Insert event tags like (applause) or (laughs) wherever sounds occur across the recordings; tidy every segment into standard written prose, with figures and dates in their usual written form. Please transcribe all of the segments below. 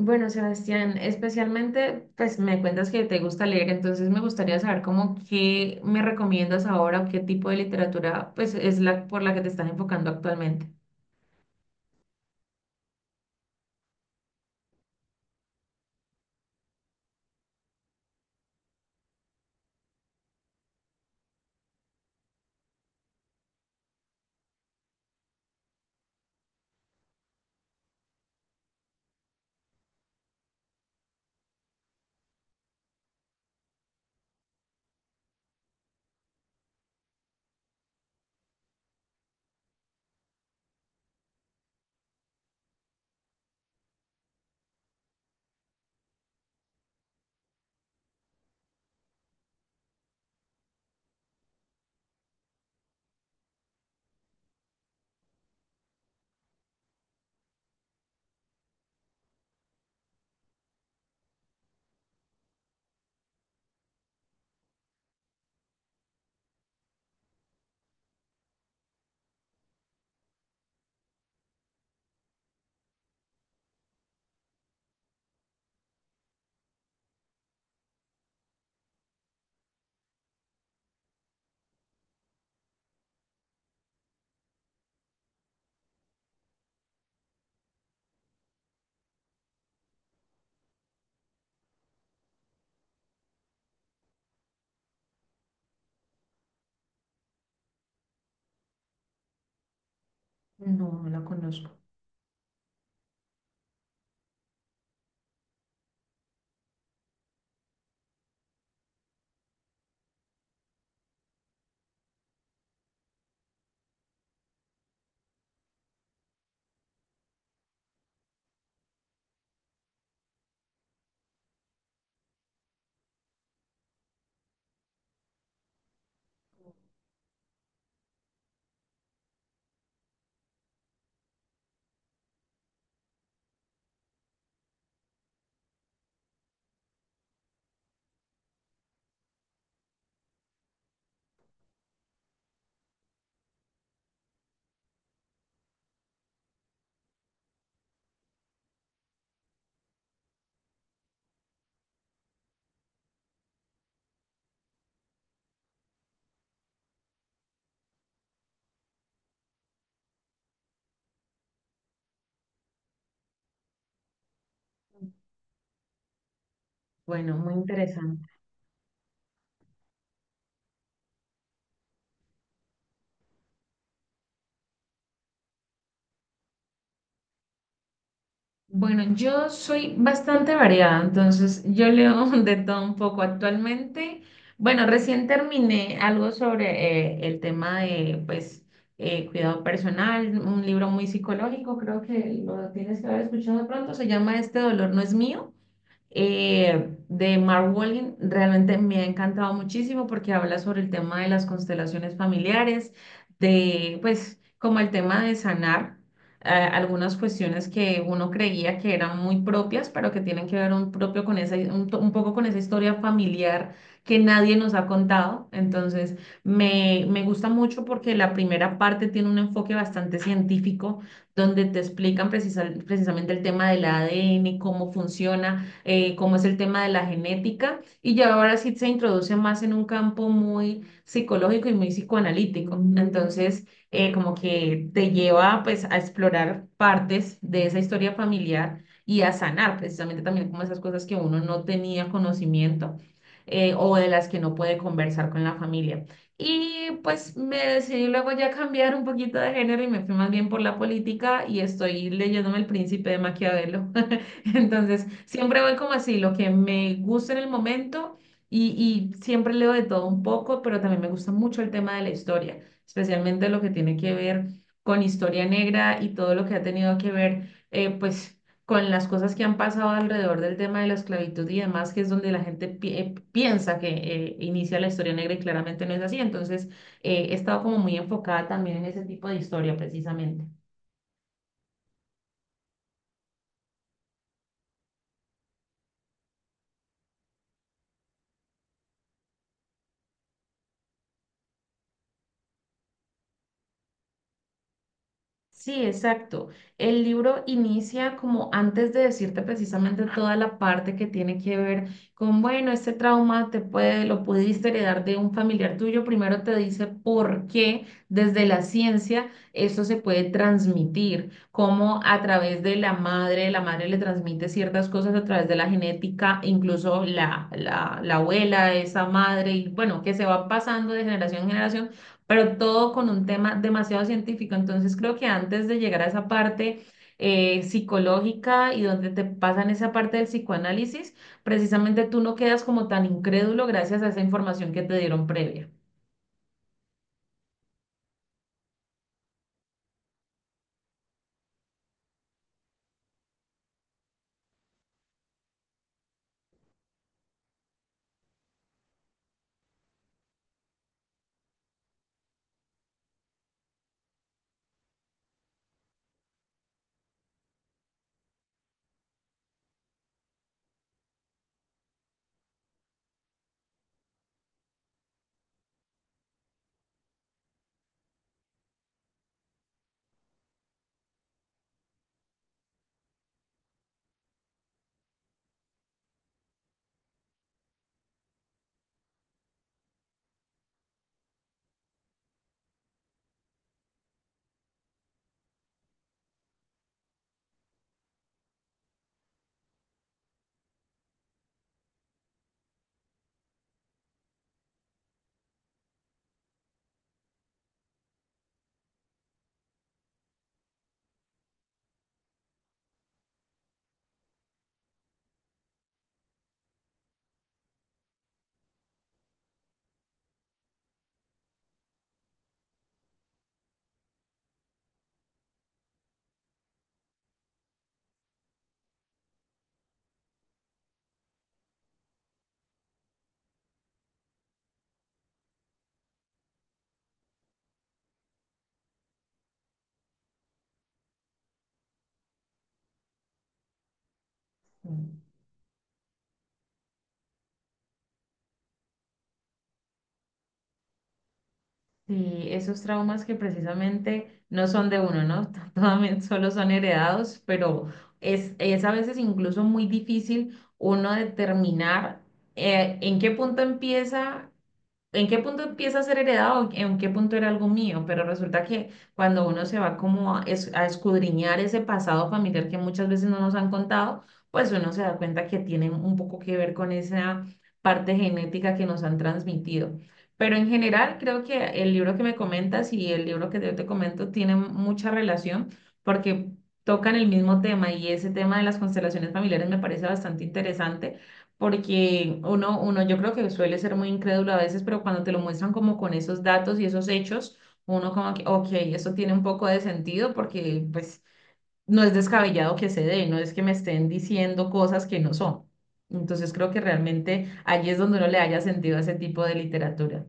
Bueno, Sebastián, especialmente, pues me cuentas que te gusta leer, entonces me gustaría saber cómo qué me recomiendas ahora o qué tipo de literatura pues es la por la que te estás enfocando actualmente. No, no la conozco. Bueno, muy interesante. Bueno, yo soy bastante variada, entonces yo leo (laughs) de todo un poco actualmente. Bueno, recién terminé algo sobre el tema de, pues, cuidado personal, un libro muy psicológico, creo que lo tienes que haber escuchado de pronto, se llama Este dolor no es mío, de Mark Walling. Realmente me ha encantado muchísimo porque habla sobre el tema de las constelaciones familiares, de pues como el tema de sanar algunas cuestiones que uno creía que eran muy propias, pero que tienen que ver un propio con esa, un, un poco con esa historia familiar que nadie nos ha contado. Entonces, me gusta mucho porque la primera parte tiene un enfoque bastante científico, donde te explican precisamente el tema del ADN, cómo funciona, como es el tema de la genética, y ya ahora sí se introduce más en un campo muy psicológico y muy psicoanalítico. Entonces, como que te lleva pues a explorar partes de esa historia familiar y a sanar precisamente también como esas cosas que uno no tenía conocimiento, o de las que no puede conversar con la familia. Y pues me decidí luego ya cambiar un poquito de género y me fui más bien por la política y estoy leyéndome El Príncipe de Maquiavelo. (laughs) (laughs) Entonces, siempre voy como así, lo que me gusta en el momento y, y siempre leo de todo un poco, pero también me gusta mucho el tema de la historia, especialmente lo que tiene que ver con historia negra y todo lo que ha tenido que ver, pues, con las cosas que han pasado alrededor del tema de la esclavitud y demás, que es donde la gente piensa que inicia la historia negra y claramente no es así. Entonces, he estado como muy enfocada también en ese tipo de historia precisamente. Sí, exacto. El libro inicia como antes de decirte precisamente toda la parte que tiene que ver con, bueno, este trauma te puede, lo pudiste heredar de un familiar tuyo. Primero te dice por qué desde la ciencia eso se puede transmitir, cómo a través de la madre le transmite ciertas cosas a través de la genética, incluso la abuela, esa madre, y bueno, que se va pasando de generación en generación, pero todo con un tema demasiado científico. Entonces creo que antes de llegar a esa parte psicológica y donde te pasan esa parte del psicoanálisis, precisamente tú no quedas como tan incrédulo gracias a esa información que te dieron previa. Sí, esos traumas que precisamente no son de uno, ¿no? (laughs) Totalmente solo son heredados, pero es a veces incluso muy difícil uno determinar en qué punto empieza, en qué punto empieza a ser heredado, en qué punto era algo mío, pero resulta que cuando uno se va como a, a escudriñar ese pasado familiar que muchas veces no nos han contado, pues uno se da cuenta que tiene un poco que ver con esa parte genética que nos han transmitido. Pero en general creo que el libro que me comentas y el libro que yo te comento tienen mucha relación porque tocan el mismo tema, y ese tema de las constelaciones familiares me parece bastante interesante porque uno yo creo que suele ser muy incrédulo a veces, pero cuando te lo muestran como con esos datos y esos hechos, uno como que, ok, esto tiene un poco de sentido porque pues no es descabellado que se dé, no es que me estén diciendo cosas que no son. Entonces creo que realmente allí es donde uno le haya sentido a ese tipo de literatura.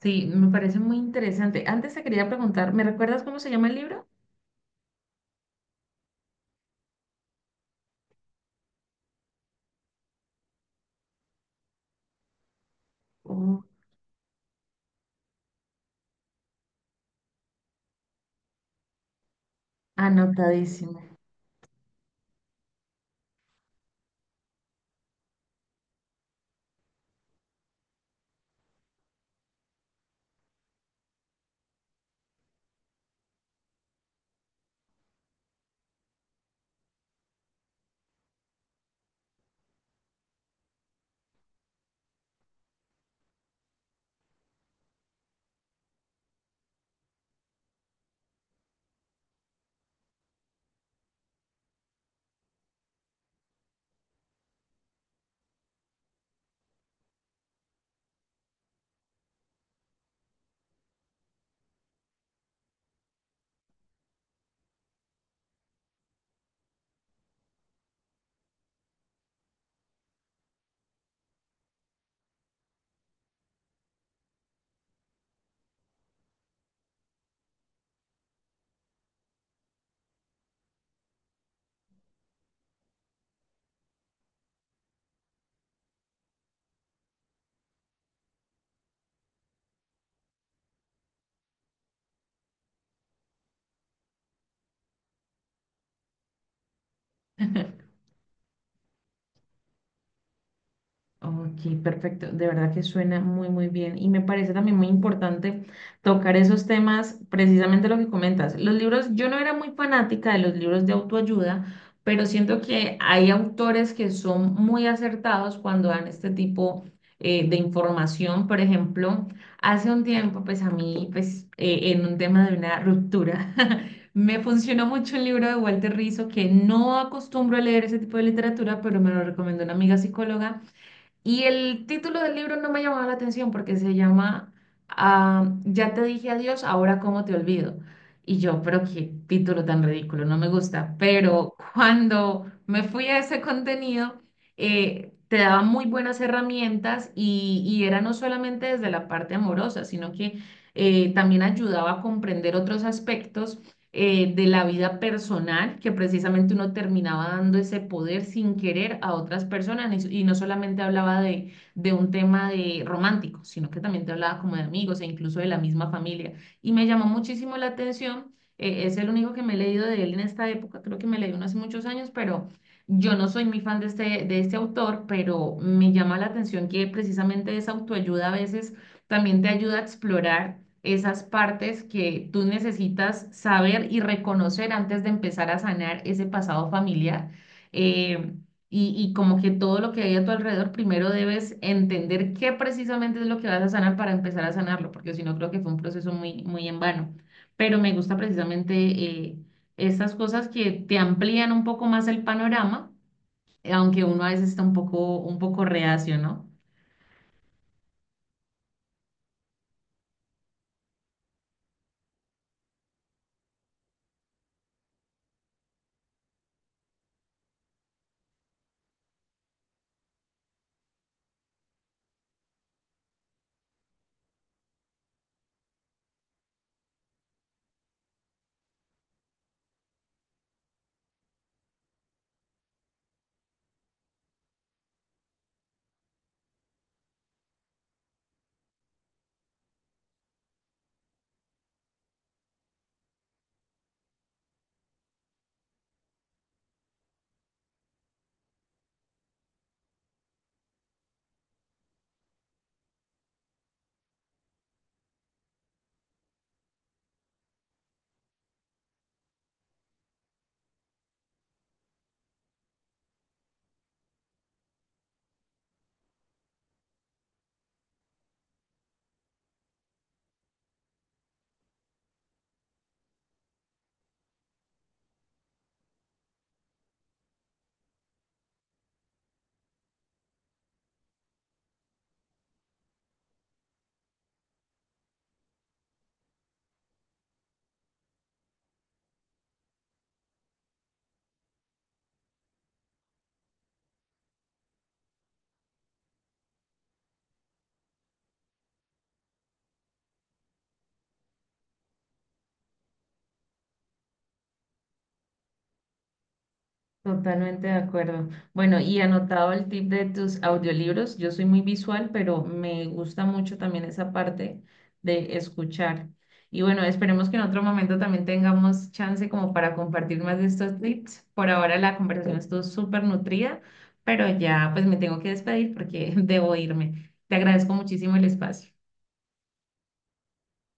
Sí, me parece muy interesante. Antes te quería preguntar, ¿me recuerdas cómo se llama el libro? Oh, anotadísimo. (laughs) Ok, perfecto. De verdad que suena muy, muy bien. Y me parece también muy importante tocar esos temas, precisamente lo que comentas. Los libros, yo no era muy fanática de los libros de autoayuda, pero siento que hay autores que son muy acertados cuando dan este tipo de información. Por ejemplo, hace un tiempo, pues a mí, pues en un tema de una ruptura, (laughs) me funcionó mucho el libro de Walter Rizzo, que no acostumbro a leer ese tipo de literatura, pero me lo recomendó una amiga psicóloga. Y el título del libro no me llamaba la atención porque se llama, Ya te dije adiós, ahora cómo te olvido. Y yo, pero qué título tan ridículo, no me gusta. Pero cuando me fui a ese contenido, te daba muy buenas herramientas y era no solamente desde la parte amorosa, sino que también ayudaba a comprender otros aspectos de la vida personal, que precisamente uno terminaba dando ese poder sin querer a otras personas, y no solamente hablaba de un tema de romántico, sino que también te hablaba como de amigos e incluso de la misma familia. Y me llamó muchísimo la atención, es el único que me he leído de él en esta época, creo que me leí uno hace muchos años, pero yo no soy muy fan de de este autor, pero me llama la atención que precisamente esa autoayuda a veces también te ayuda a explorar esas partes que tú necesitas saber y reconocer antes de empezar a sanar ese pasado familiar. Eh, y como que todo lo que hay a tu alrededor, primero debes entender qué precisamente es lo que vas a sanar para empezar a sanarlo, porque si no creo que fue un proceso muy, muy en vano. Pero me gusta precisamente estas cosas que te amplían un poco más el panorama, aunque uno a veces está un poco reacio, ¿no? Totalmente de acuerdo. Bueno, y anotado el tip de tus audiolibros, yo soy muy visual, pero me gusta mucho también esa parte de escuchar. Y bueno, esperemos que en otro momento también tengamos chance como para compartir más de estos tips. Por ahora la conversación estuvo súper nutrida, pero ya pues me tengo que despedir porque (laughs) debo irme. Te agradezco muchísimo el espacio.